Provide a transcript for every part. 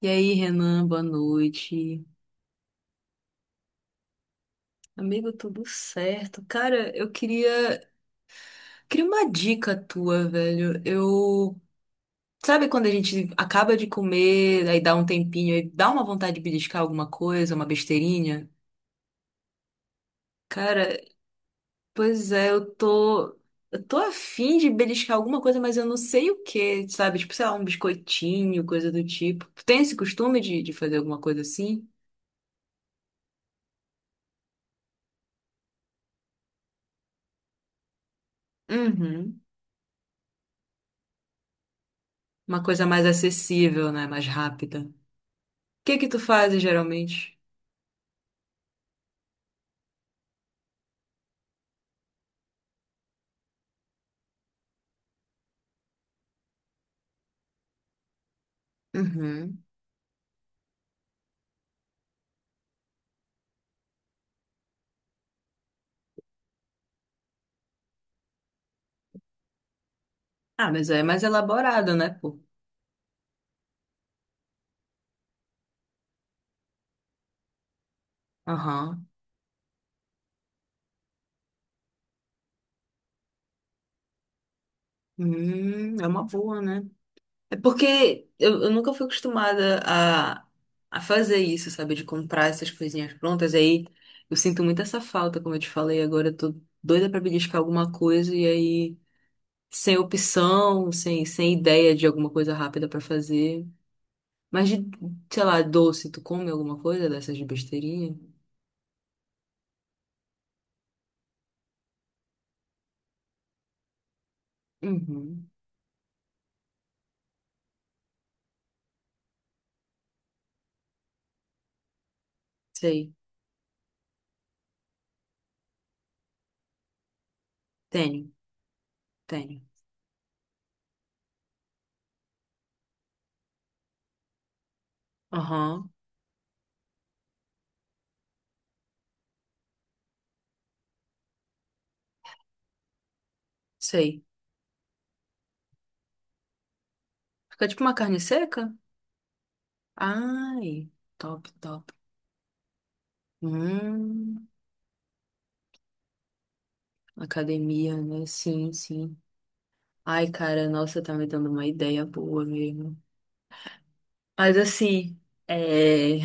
E aí, Renan, boa noite. Amigo, tudo certo? Cara, queria uma dica tua, velho. Eu, sabe quando a gente acaba de comer, aí dá um tempinho, aí dá uma vontade de beliscar alguma coisa, uma besteirinha? Cara, pois é, eu tô afim de beliscar alguma coisa, mas eu não sei o que, sabe? Tipo, sei lá, um biscoitinho, coisa do tipo. Tu tem esse costume de fazer alguma coisa assim? Uhum. Uma coisa mais acessível, né? Mais rápida. Que tu fazes geralmente? Uhum. Ah, mas é mais elaborado, né, pô? Aham. É uma boa, né? É porque eu nunca fui acostumada a fazer isso, sabe? De comprar essas coisinhas prontas. Aí eu sinto muito essa falta, como eu te falei. Agora eu tô doida pra beliscar alguma coisa e aí sem opção, sem ideia de alguma coisa rápida pra fazer. Mas de, sei lá, doce, tu come alguma coisa dessas de besteirinha? Uhum. Sei. Tenho, tenho. Aham, sei. Fica tipo uma carne seca? Ai, top, top. Hum, academia, né? Sim, sim. Ai, cara, nossa, tá me dando uma ideia boa mesmo. Mas assim, é,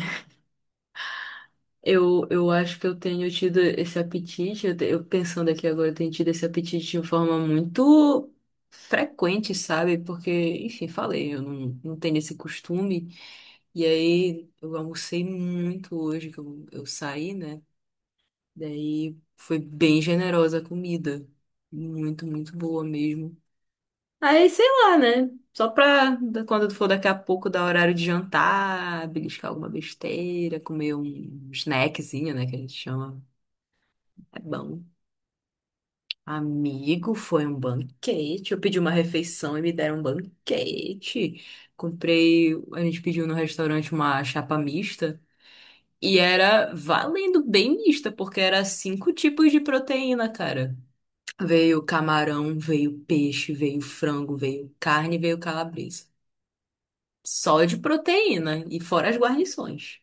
eu acho que eu tenho tido esse apetite, eu pensando aqui agora, eu tenho tido esse apetite de forma muito frequente, sabe? Porque, enfim, falei, eu não, não tenho esse costume. E aí, eu almocei muito hoje, que eu saí, né? Daí foi bem generosa a comida. Muito, muito boa mesmo. Aí, sei lá, né? Só pra da- quando for daqui a pouco dar horário de jantar, beliscar alguma besteira, comer um snackzinho, né? Que a gente chama. É bom. Amigo, foi um banquete. Eu pedi uma refeição e me deram um banquete. Comprei, a gente pediu no restaurante uma chapa mista. E era valendo bem mista, porque era cinco tipos de proteína, cara. Veio camarão, veio peixe, veio frango, veio carne, veio calabresa. Só de proteína e fora as guarnições.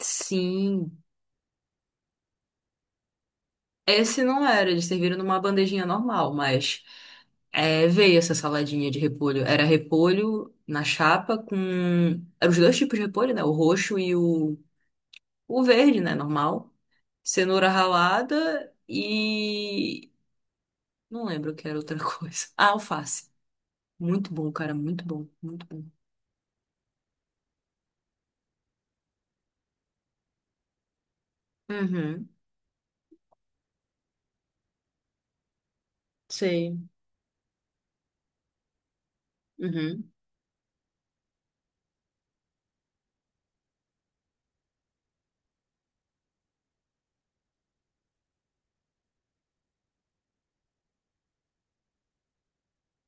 Sim. Esse não era, eles serviram numa bandejinha normal, mas é, veio essa saladinha de repolho. Era repolho na chapa com. Eram os dois tipos de repolho, né? O roxo e o verde, né? Normal. Cenoura ralada e. Não lembro o que era outra coisa. Ah, alface. Muito bom, cara, muito bom, muito bom. Uhum. Sei. Uhum.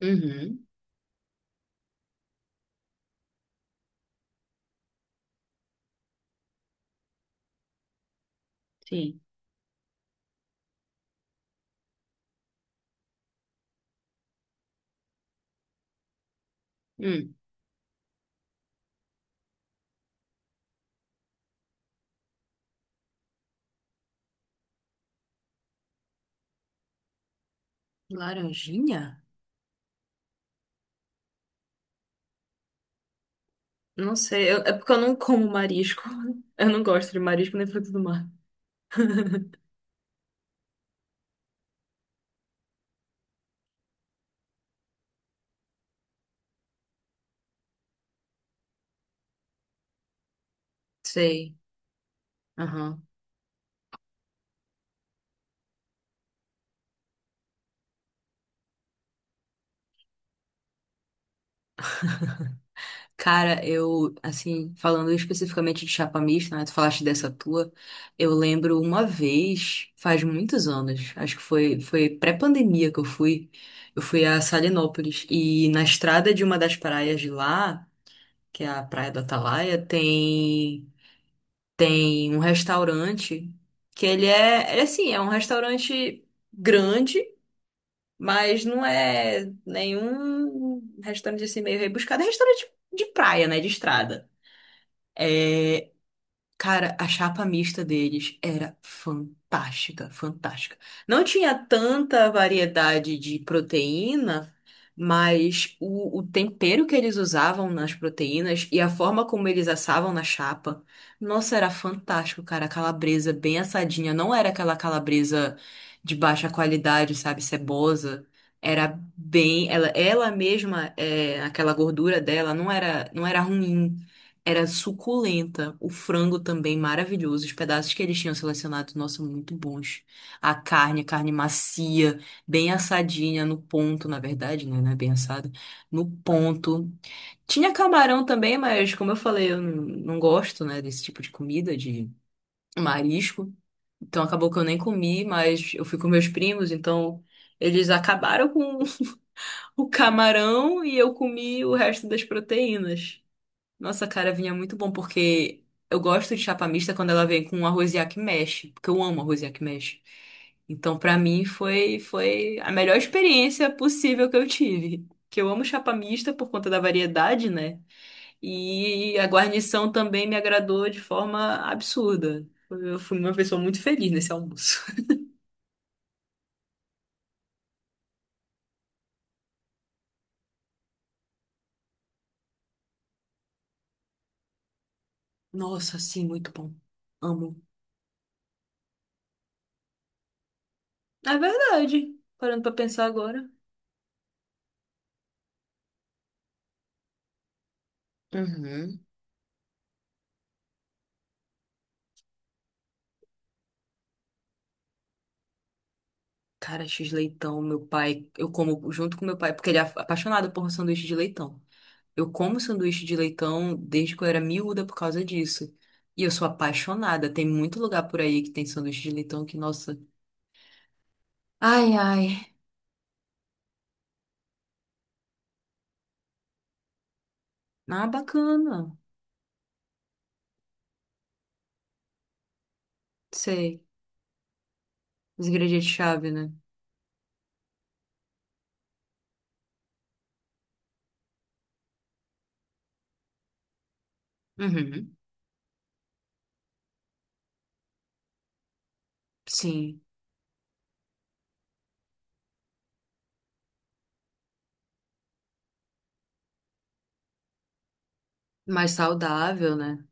Uhum. Sim. Hum. Laranjinha? Não sei, eu- é porque eu não como marisco. Eu não gosto de marisco nem fruto do mar. Sei. Aham. Cara, eu, assim, falando especificamente de chapa mista, né? Tu falaste dessa tua. Eu lembro uma vez, faz muitos anos, acho que foi pré-pandemia que eu fui. Eu fui a Salinópolis. E na estrada de uma das praias de lá, que é a Praia do Atalaia, tem. Tem um restaurante que ele, assim, é um restaurante grande, mas não é nenhum restaurante assim meio rebuscado. É restaurante de praia, né? De estrada. É, cara, a chapa mista deles era fantástica, fantástica. Não tinha tanta variedade de proteína, mas o tempero que eles usavam nas proteínas e a forma como eles assavam na chapa, nossa, era fantástico, cara. A calabresa bem assadinha, não era aquela calabresa de baixa qualidade, sabe, cebosa. Era bem, ela mesma, é, aquela gordura dela não era ruim. Era suculenta. O frango também maravilhoso. Os pedaços que eles tinham selecionado, nossa, muito bons. A carne, carne macia, bem assadinha no ponto, na verdade, né? Não é bem assada. No ponto. Tinha camarão também, mas como eu falei, eu não gosto, né, desse tipo de comida, de marisco. Então acabou que eu nem comi, mas eu fui com meus primos, então eles acabaram com o camarão e eu comi o resto das proteínas. Nossa, cara, vinha muito bom, porque eu gosto de chapa mista quando ela vem com arroz que mexe, porque eu amo arroz que mexe. Então, pra mim, foi a melhor experiência possível que eu tive. Que eu amo chapa mista por conta da variedade, né? E a guarnição também me agradou de forma absurda. Eu fui uma pessoa muito feliz nesse almoço. Nossa, sim, muito bom. Amo. É verdade. Parando pra pensar agora. Uhum. Cara, X leitão, meu pai, eu como junto com meu pai, porque ele é af- apaixonado por sanduíche de leitão. Eu como sanduíche de leitão desde que eu era miúda por causa disso. E eu sou apaixonada. Tem muito lugar por aí que tem sanduíche de leitão que, nossa. Ai, ai. Ah, bacana. Sei. Os ingredientes-chave, né? Uhum. Sim. Mais saudável, né?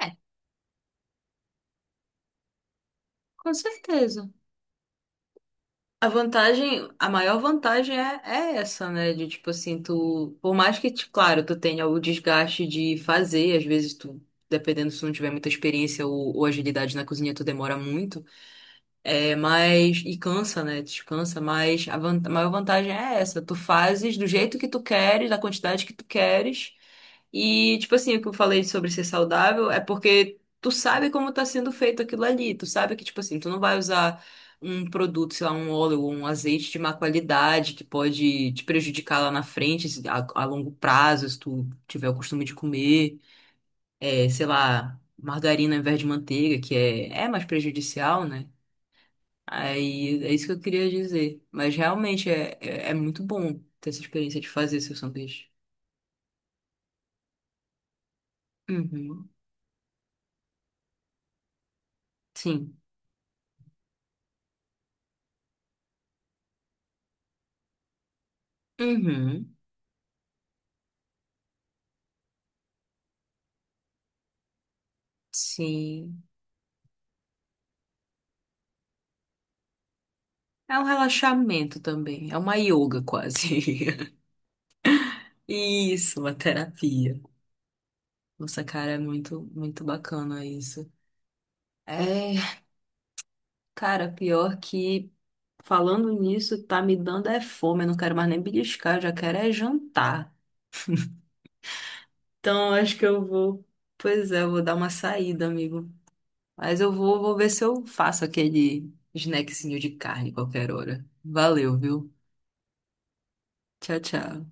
É, com certeza. A vantagem, a maior vantagem é essa, né? De tipo assim, tu, por mais que, te- claro, tu tenha o desgaste de fazer, às vezes tu, dependendo se tu não tiver muita experiência ou agilidade na cozinha, tu demora muito, é, mas, e cansa, né? Descansa, mas a, van- a maior vantagem é essa, tu fazes do jeito que tu queres, da quantidade que tu queres, e, tipo assim, o que eu falei sobre ser saudável é porque tu sabe como tá sendo feito aquilo ali. Tu sabe que, tipo assim, tu não vai usar um produto, sei lá, um óleo ou um azeite de má qualidade que pode te prejudicar lá na frente, se- a longo prazo, se tu tiver o costume de comer, é, sei lá, margarina ao invés de manteiga, que é mais prejudicial, né? Aí é isso que eu queria dizer. Mas realmente é muito bom ter essa experiência de fazer seu sanduíche. Uhum. Sim. Uhum. Sim. É um relaxamento também. É uma yoga quase. Isso, uma terapia. Nossa, cara, é muito, muito bacana isso. É, cara, pior que falando nisso, tá me dando é fome. Eu não quero mais nem beliscar, eu já quero é jantar. Então, acho que eu vou. Pois é, eu vou dar uma saída, amigo. Mas eu vou, vou ver se eu faço aquele snackzinho de carne qualquer hora. Valeu, viu? Tchau, tchau.